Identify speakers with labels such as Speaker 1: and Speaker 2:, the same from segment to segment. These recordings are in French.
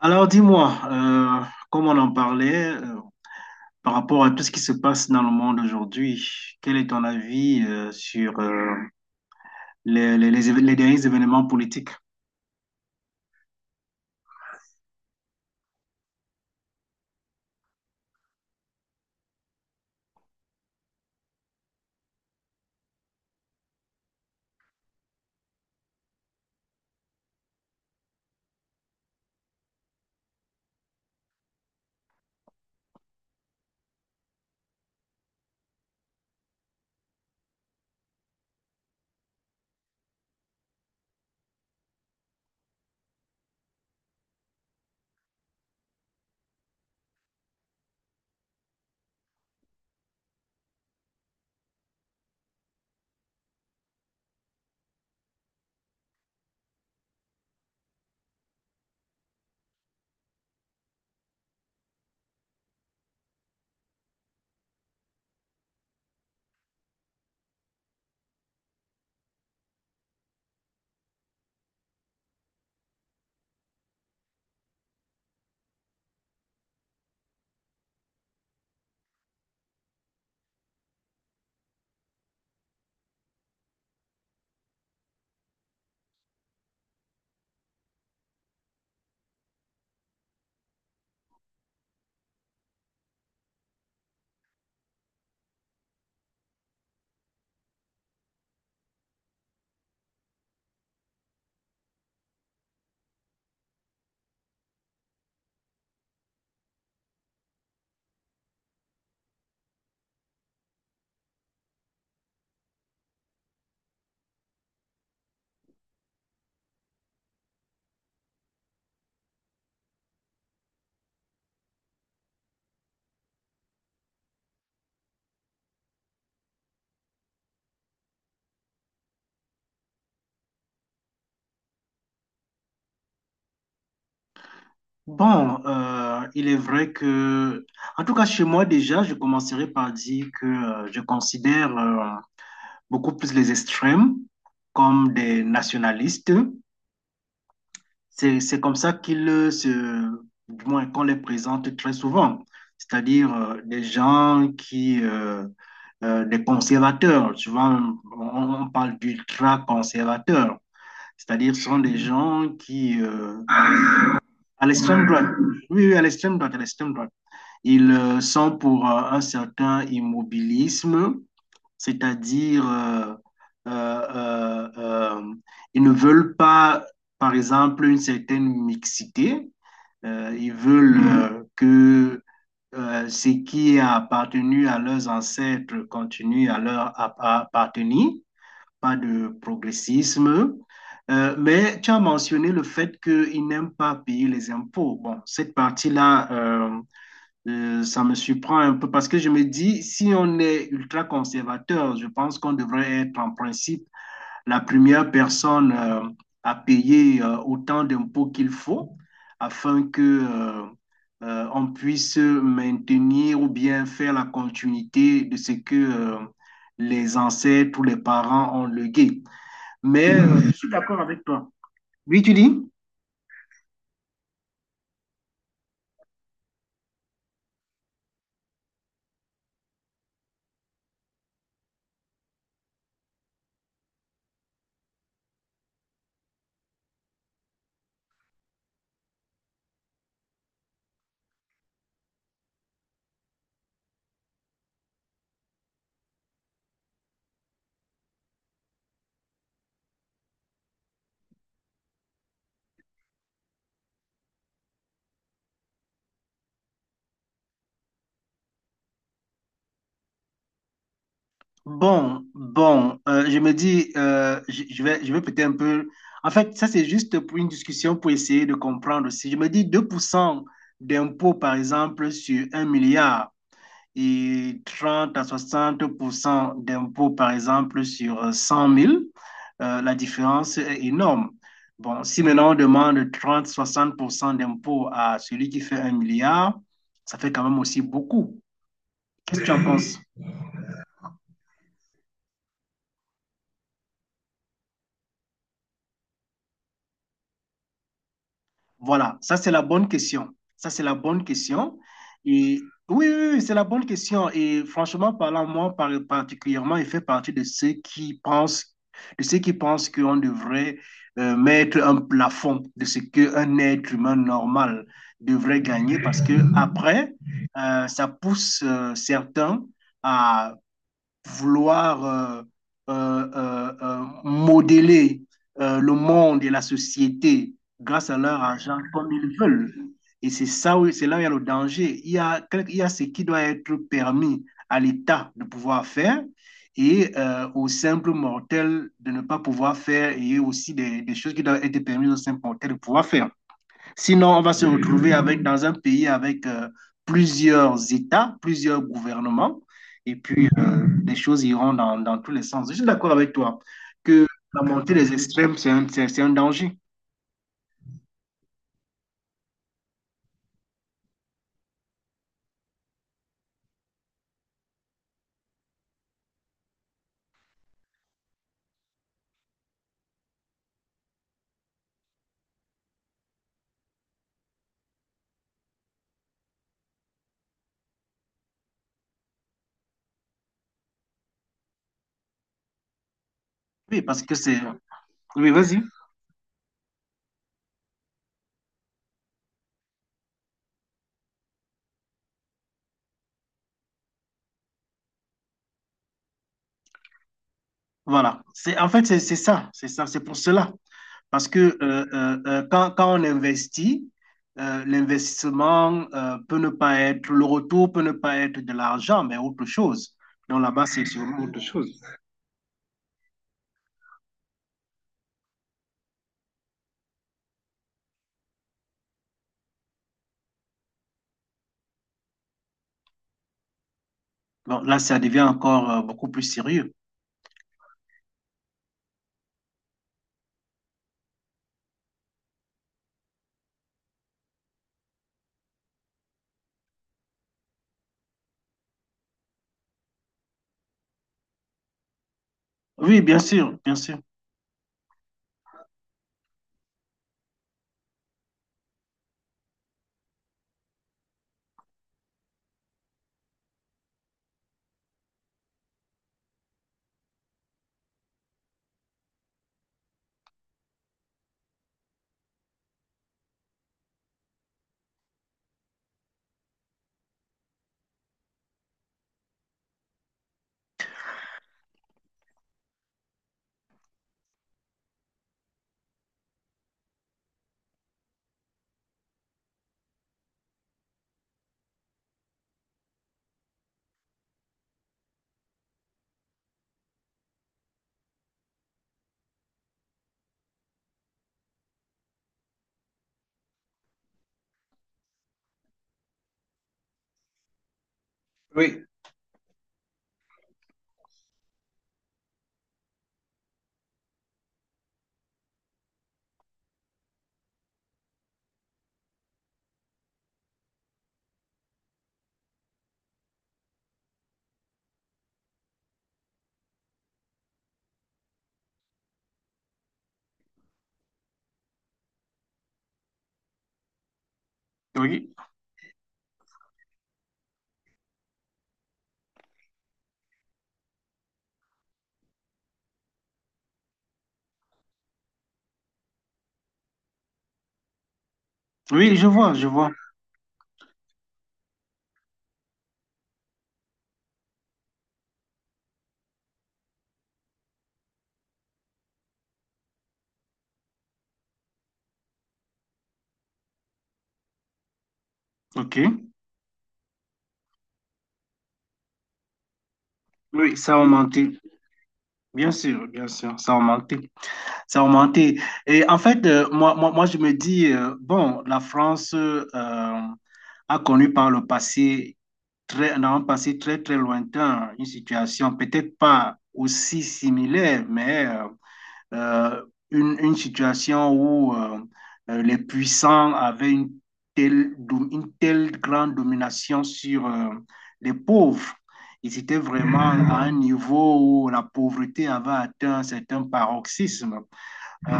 Speaker 1: Alors dis-moi, comme on en parlait, par rapport à tout ce qui se passe dans le monde aujourd'hui, quel est ton avis sur les derniers événements politiques? Bon, il est vrai que, en tout cas chez moi déjà, je commencerai par dire que je considère beaucoup plus les extrêmes comme des nationalistes. C'est comme ça qu'ils se, du moins qu'on les présente très souvent, c'est-à-dire des gens qui, des conservateurs, souvent on parle d'ultra-conservateurs, c'est-à-dire ce sont des gens qui, à l'extrême droite, oui, oui, à l'extrême droite, ils sont pour un certain immobilisme, c'est-à-dire euh, euh, euh, ils ne veulent pas, par exemple, une certaine mixité. Ils veulent que ce qui a appartenu à leurs ancêtres continue à leur appartenir, pas de progressisme. Mais tu as mentionné le fait qu'ils n'aiment pas payer les impôts. Bon, cette partie-là, ça me surprend un peu parce que je me dis, si on est ultra conservateur, je pense qu'on devrait être en principe la première personne à payer autant d'impôts qu'il faut afin que euh, on puisse maintenir ou bien faire la continuité de ce que les ancêtres ou les parents ont légué. Mais je suis d'accord avec toi. Oui, tu dis? Bon, bon, je me dis, je vais peut-être un peu... En fait, ça, c'est juste pour une discussion pour essayer de comprendre aussi. Je me dis 2% d'impôts, par exemple, sur un milliard. Et 30 à 60 d'impôts, par exemple, sur 100 000, la différence est énorme. Bon, si maintenant on demande 30-60 d'impôts à celui qui fait un milliard, ça fait quand même aussi beaucoup. Qu'est-ce que tu en penses? Voilà, ça c'est la bonne question. Ça c'est la bonne question. Et oui, oui, oui, c'est la bonne question. Et franchement parlant, moi particulièrement, je fais partie de ceux qui pensent, de ceux qui pensent qu'on devrait mettre un plafond de ce qu'un être humain normal devrait gagner, parce que après, ça pousse certains vouloir modeler le monde et la société grâce à leur argent comme ils veulent. Et c'est ça où, c'est là où il y a le danger. Il y a ce qui doit être permis à l'État de pouvoir faire et aux simples mortels de ne pas pouvoir faire et aussi des choses qui doivent être permises aux simples mortels de pouvoir faire. Sinon, on va se retrouver avec, dans un pays avec plusieurs États, plusieurs gouvernements, et puis les choses iront dans, dans tous les sens. Je suis d'accord avec toi que la montée des extrêmes, c'est un danger. Oui, parce que c'est... Oui, vas-y. Voilà. C'est, en fait, c'est ça. C'est ça. C'est pour cela. Parce que quand on investit, l'investissement peut ne pas être... Le retour peut ne pas être de l'argent, mais autre chose. Donc là-bas, c'est sûrement autre chose. Bon, là, ça devient encore beaucoup plus sérieux. Oui, bien sûr, bien sûr. Oui, oui, je vois, je vois. OK. Oui, ça a augmenté. Bien sûr, ça a augmenté. Ça a augmenté. Et en fait, moi, je me dis, bon, la France a connu par le passé, très, dans un passé très, très lointain, une situation peut-être pas aussi similaire, mais euh, une situation où les puissants avaient telle, une telle grande domination sur les pauvres. Ils étaient vraiment à un niveau où la pauvreté avait atteint un certain paroxysme. Euh,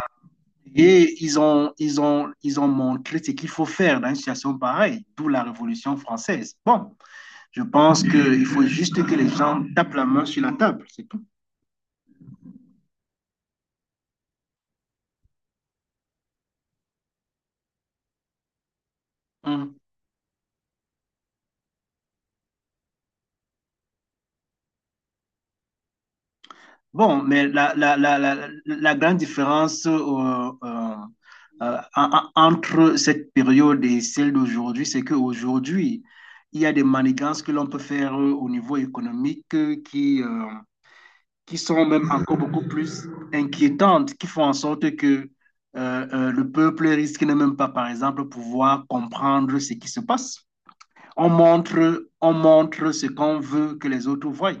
Speaker 1: et ils ont montré ce qu'il faut faire dans une situation pareille, d'où la Révolution française. Bon, je pense qu'il faut juste que les gens tapent la main sur la table, c'est tout. Mmh. Bon, mais la grande différence euh, euh, entre cette période et celle d'aujourd'hui, c'est qu'aujourd'hui, il y a des manigances que l'on peut faire au niveau économique qui sont même encore beaucoup plus inquiétantes, qui font en sorte que euh, le peuple risque de même pas, par exemple, pouvoir comprendre ce qui se passe. On montre ce qu'on veut que les autres voient,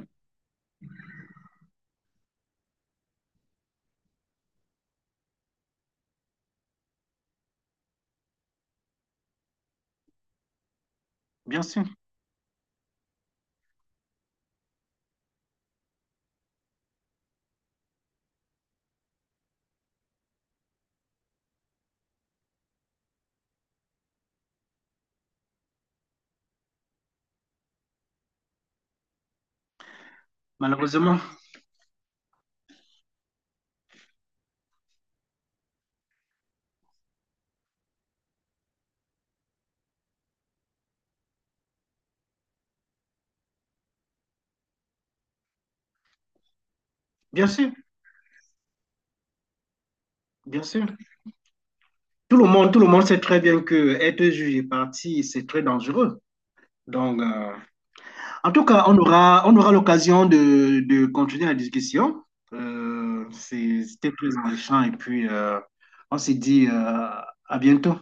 Speaker 1: bien sûr, malheureusement, bien sûr, bien sûr. Tout le monde sait très bien que être juge et parti, c'est très dangereux. Donc, en tout cas, on aura l'occasion de continuer la discussion. C'était très enrichant et puis on s'est dit à bientôt.